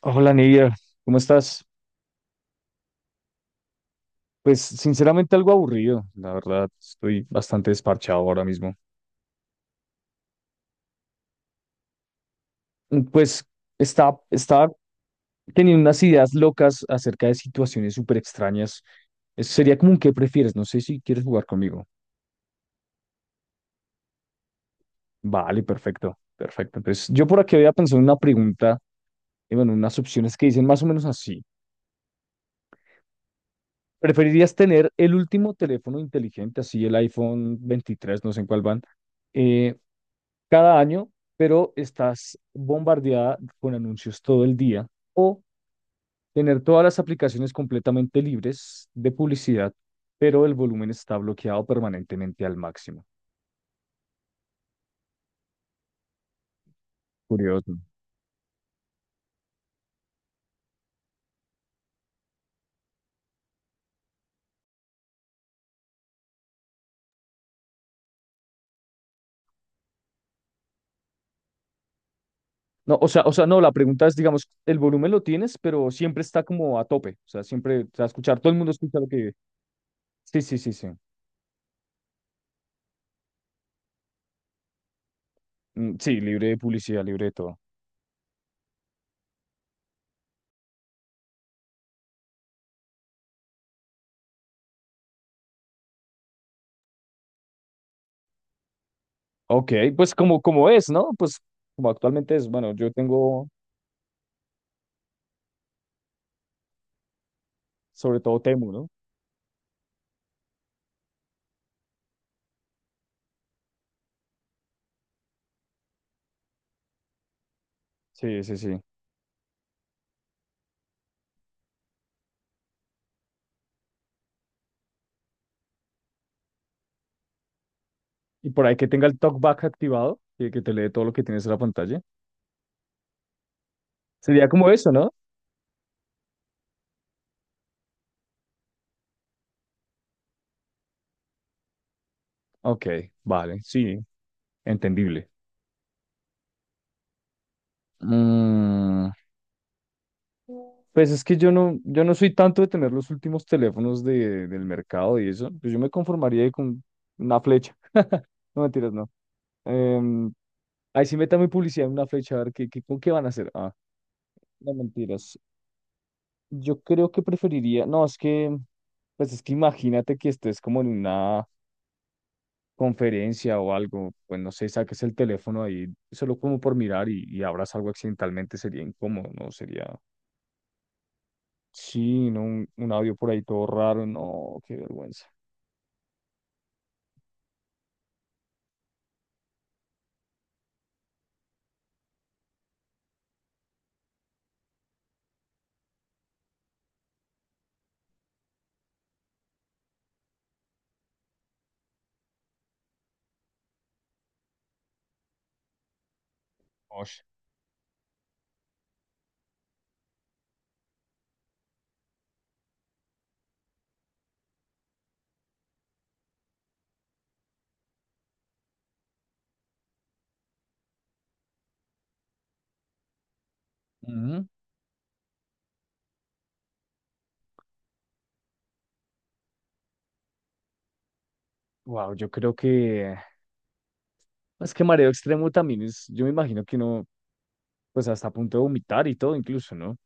Hola Nidia, ¿cómo estás? Pues sinceramente algo aburrido, la verdad, estoy bastante desparchado ahora mismo. Pues estaba teniendo unas ideas locas acerca de situaciones súper extrañas. Eso sería como un qué prefieres, no sé si quieres jugar conmigo. Vale, perfecto, perfecto. Entonces yo por aquí había pensado en una pregunta, y bueno, unas opciones que dicen más o menos así. ¿Preferirías tener el último teléfono inteligente, así el iPhone 23 no sé en cuál van, eh, cada año, pero estás bombardeada con anuncios todo el día? ¿O tener todas las aplicaciones completamente libres de publicidad, pero el volumen está bloqueado permanentemente al máximo? Curioso. No, o sea, no, la pregunta es, digamos, el volumen lo tienes, pero siempre está como a tope. O sea, siempre te va a escuchar, todo el mundo escucha lo que... Sí, sí, sí, sí. Sí, libre de publicidad, libre de todo. Ok, pues como es, ¿no? Pues como actualmente es, bueno, yo tengo sobre todo Temu, ¿no? Sí, sí, sí. Y por ahí que tenga el talkback activado y que te lee todo lo que tienes en la pantalla. Sería como eso, ¿no? Ok, vale, sí, entendible. Mm, pues es que yo no soy tanto de tener los últimos teléfonos del mercado y eso. Pues yo me conformaría con una flecha. No mentiras, no. Em, ahí sí métame publicidad en una flecha, a ver qué, con qué van a hacer. Ah, no mentiras. Yo creo que preferiría, no, es que, pues es que imagínate que estés como en una conferencia o algo, pues no sé, saques el teléfono ahí solo como por mirar y abras algo accidentalmente, sería incómodo, ¿no? Sería, sí, ¿no? Un audio por ahí todo raro, no, qué vergüenza. Osh. Ujú. Wow, es que mareo extremo también es, yo me imagino que uno, pues hasta a punto de vomitar y todo incluso, ¿no?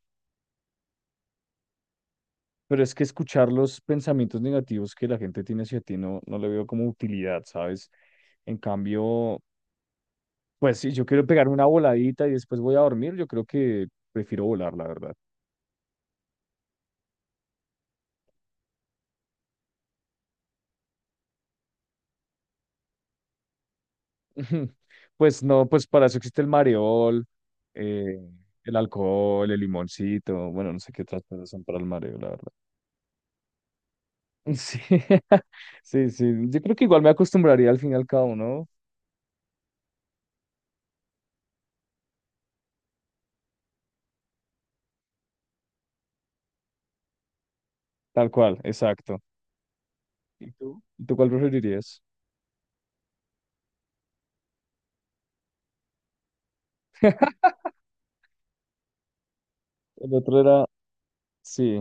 Pero es que escuchar los pensamientos negativos que la gente tiene hacia ti no, no le veo como utilidad, ¿sabes? En cambio, pues si yo quiero pegarme una voladita y después voy a dormir, yo creo que prefiero volar, la verdad. Pues no, pues para eso existe el mareol, eh, el alcohol, el limoncito, bueno, no sé qué otras cosas son para el mareo, la verdad. Sí, sí, sí. Yo creo que igual me acostumbraría al fin y al cabo, ¿no? Tal cual, exacto. ¿Y tú? ¿Y tú cuál preferirías? El otro era, sí.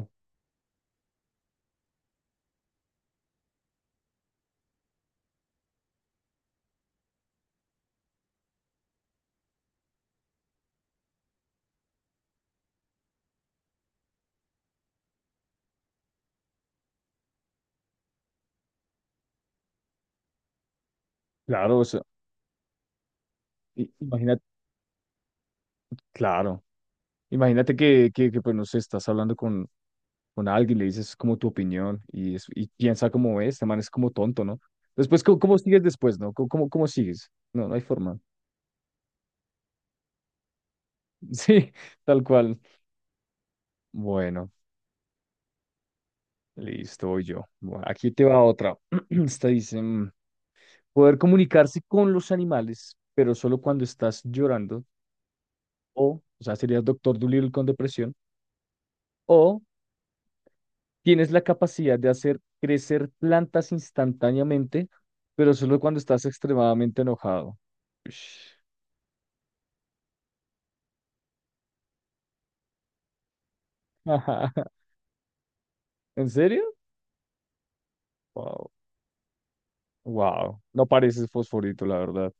Claro, o sea, imagínate, claro, imagínate que, pues no sé, estás hablando con alguien, le dices como tu opinión y, y piensa como es, este man es como tonto, ¿no? Después, ¿cómo, cómo sigues después, no? ¿Cómo, cómo sigues? No, no hay forma. Sí, tal cual. Bueno, listo, voy yo. Bueno, aquí te va otra. Esta dice, poder comunicarse con los animales, pero solo cuando estás llorando, o sea, serías Doctor Dolittle con depresión, o tienes la capacidad de hacer crecer plantas instantáneamente, pero solo cuando estás extremadamente enojado. Ush. ¿En serio? Wow. Wow. No pareces fosforito, la verdad.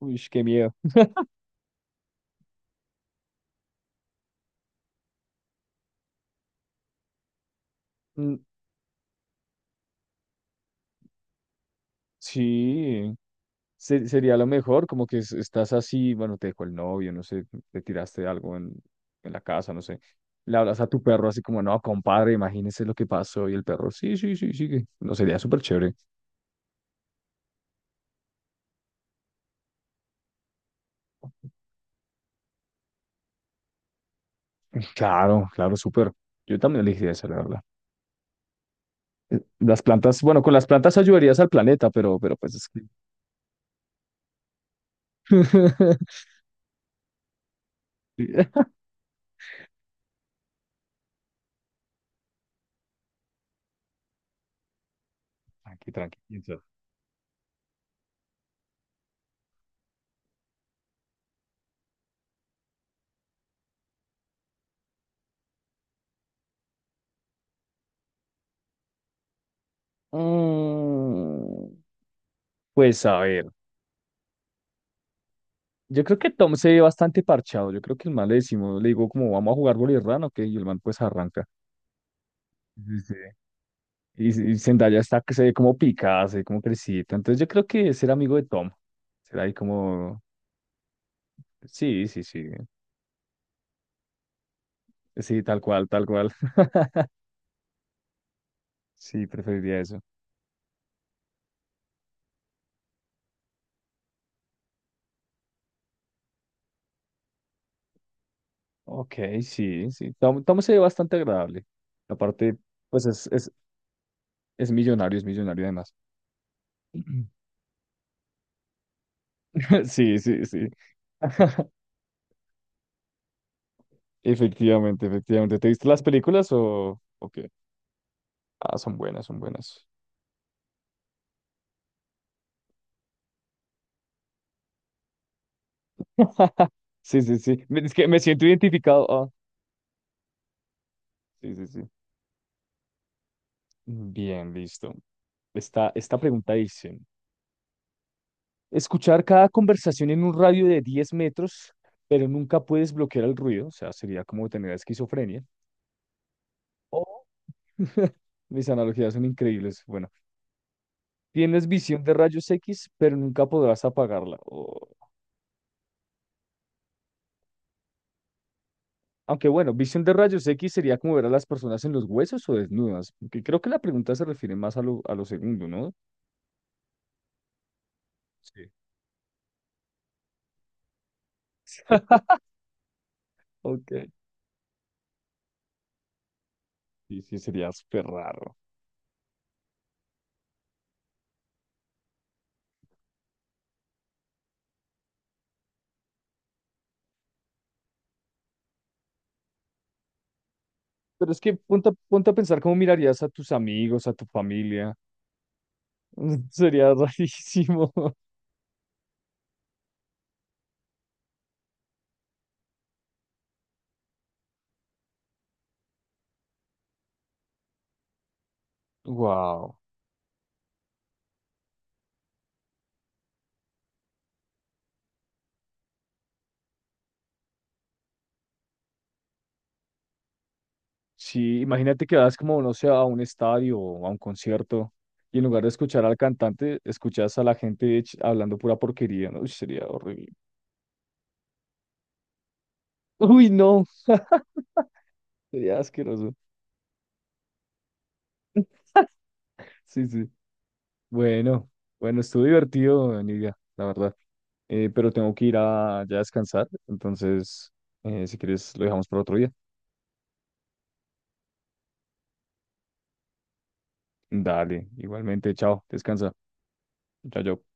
Uy, qué miedo. Mm, Sí, sería lo mejor, como que estás así, bueno, te dejó el novio, no sé, te tiraste algo en la casa, no sé. Le hablas a tu perro así como, no, compadre, imagínese lo que pasó. Y el perro, sí, sí, sí, sí. que-". No, sería súper chévere. Claro, claro, súper. Yo también elegí esa, la verdad. Las plantas, bueno, con las plantas ayudarías al planeta, pero pues es que. Sí. Tranqui, tranqui, piensa. Mm, pues a ver, yo creo que Tom se ve bastante parchado. Yo creo que el man le decimos, le digo como vamos a jugar bolirrán, ok, y el man pues arranca. Sí, sí. Y Zendaya está que se ve como picada, se ve como crecida. Entonces yo creo que ser amigo de Tom, será ahí como, sí, sí, sí, sí, tal cual, tal cual. Sí, preferiría eso. Ok, sí, sí. Tom, Tom se ve bastante agradable. Aparte, pues es, es, es millonario además. Sí, sí, sí. Efectivamente, efectivamente. ¿Te viste las películas o qué? Ah, son buenas, son buenas. Sí, sí, sí. Es que me siento identificado. Ah, sí, sí, sí. Bien, listo. Esta pregunta dice, escuchar cada conversación en un radio de 10 metros, pero nunca puedes bloquear el ruido, o sea, sería como tener esquizofrenia. O mis analogías son increíbles. Bueno, tienes visión de rayos X, pero nunca podrás apagarla. O- Aunque bueno, visión de rayos X sería como ver a las personas en los huesos o desnudas. Aunque creo que la pregunta se refiere más a a lo segundo, ¿no? Sí. Ok. Sí, sí, sería súper raro. Pero es que ponte, ponte a pensar cómo mirarías a tus amigos, a tu familia. Sería rarísimo. Wow. Sí, imagínate que vas como, no sé, a un estadio o a un concierto y en lugar de escuchar al cantante, escuchas a la gente hablando pura porquería, ¿no? Uy, sería horrible. Uy, no, sería asqueroso. Sí, sí. Bueno, bueno, estuvo divertido, Nidia, la verdad. Pero tengo que ir a ya descansar, entonces, si quieres, lo dejamos para otro día. Dale, igualmente, chao, descansa. Chao, chao.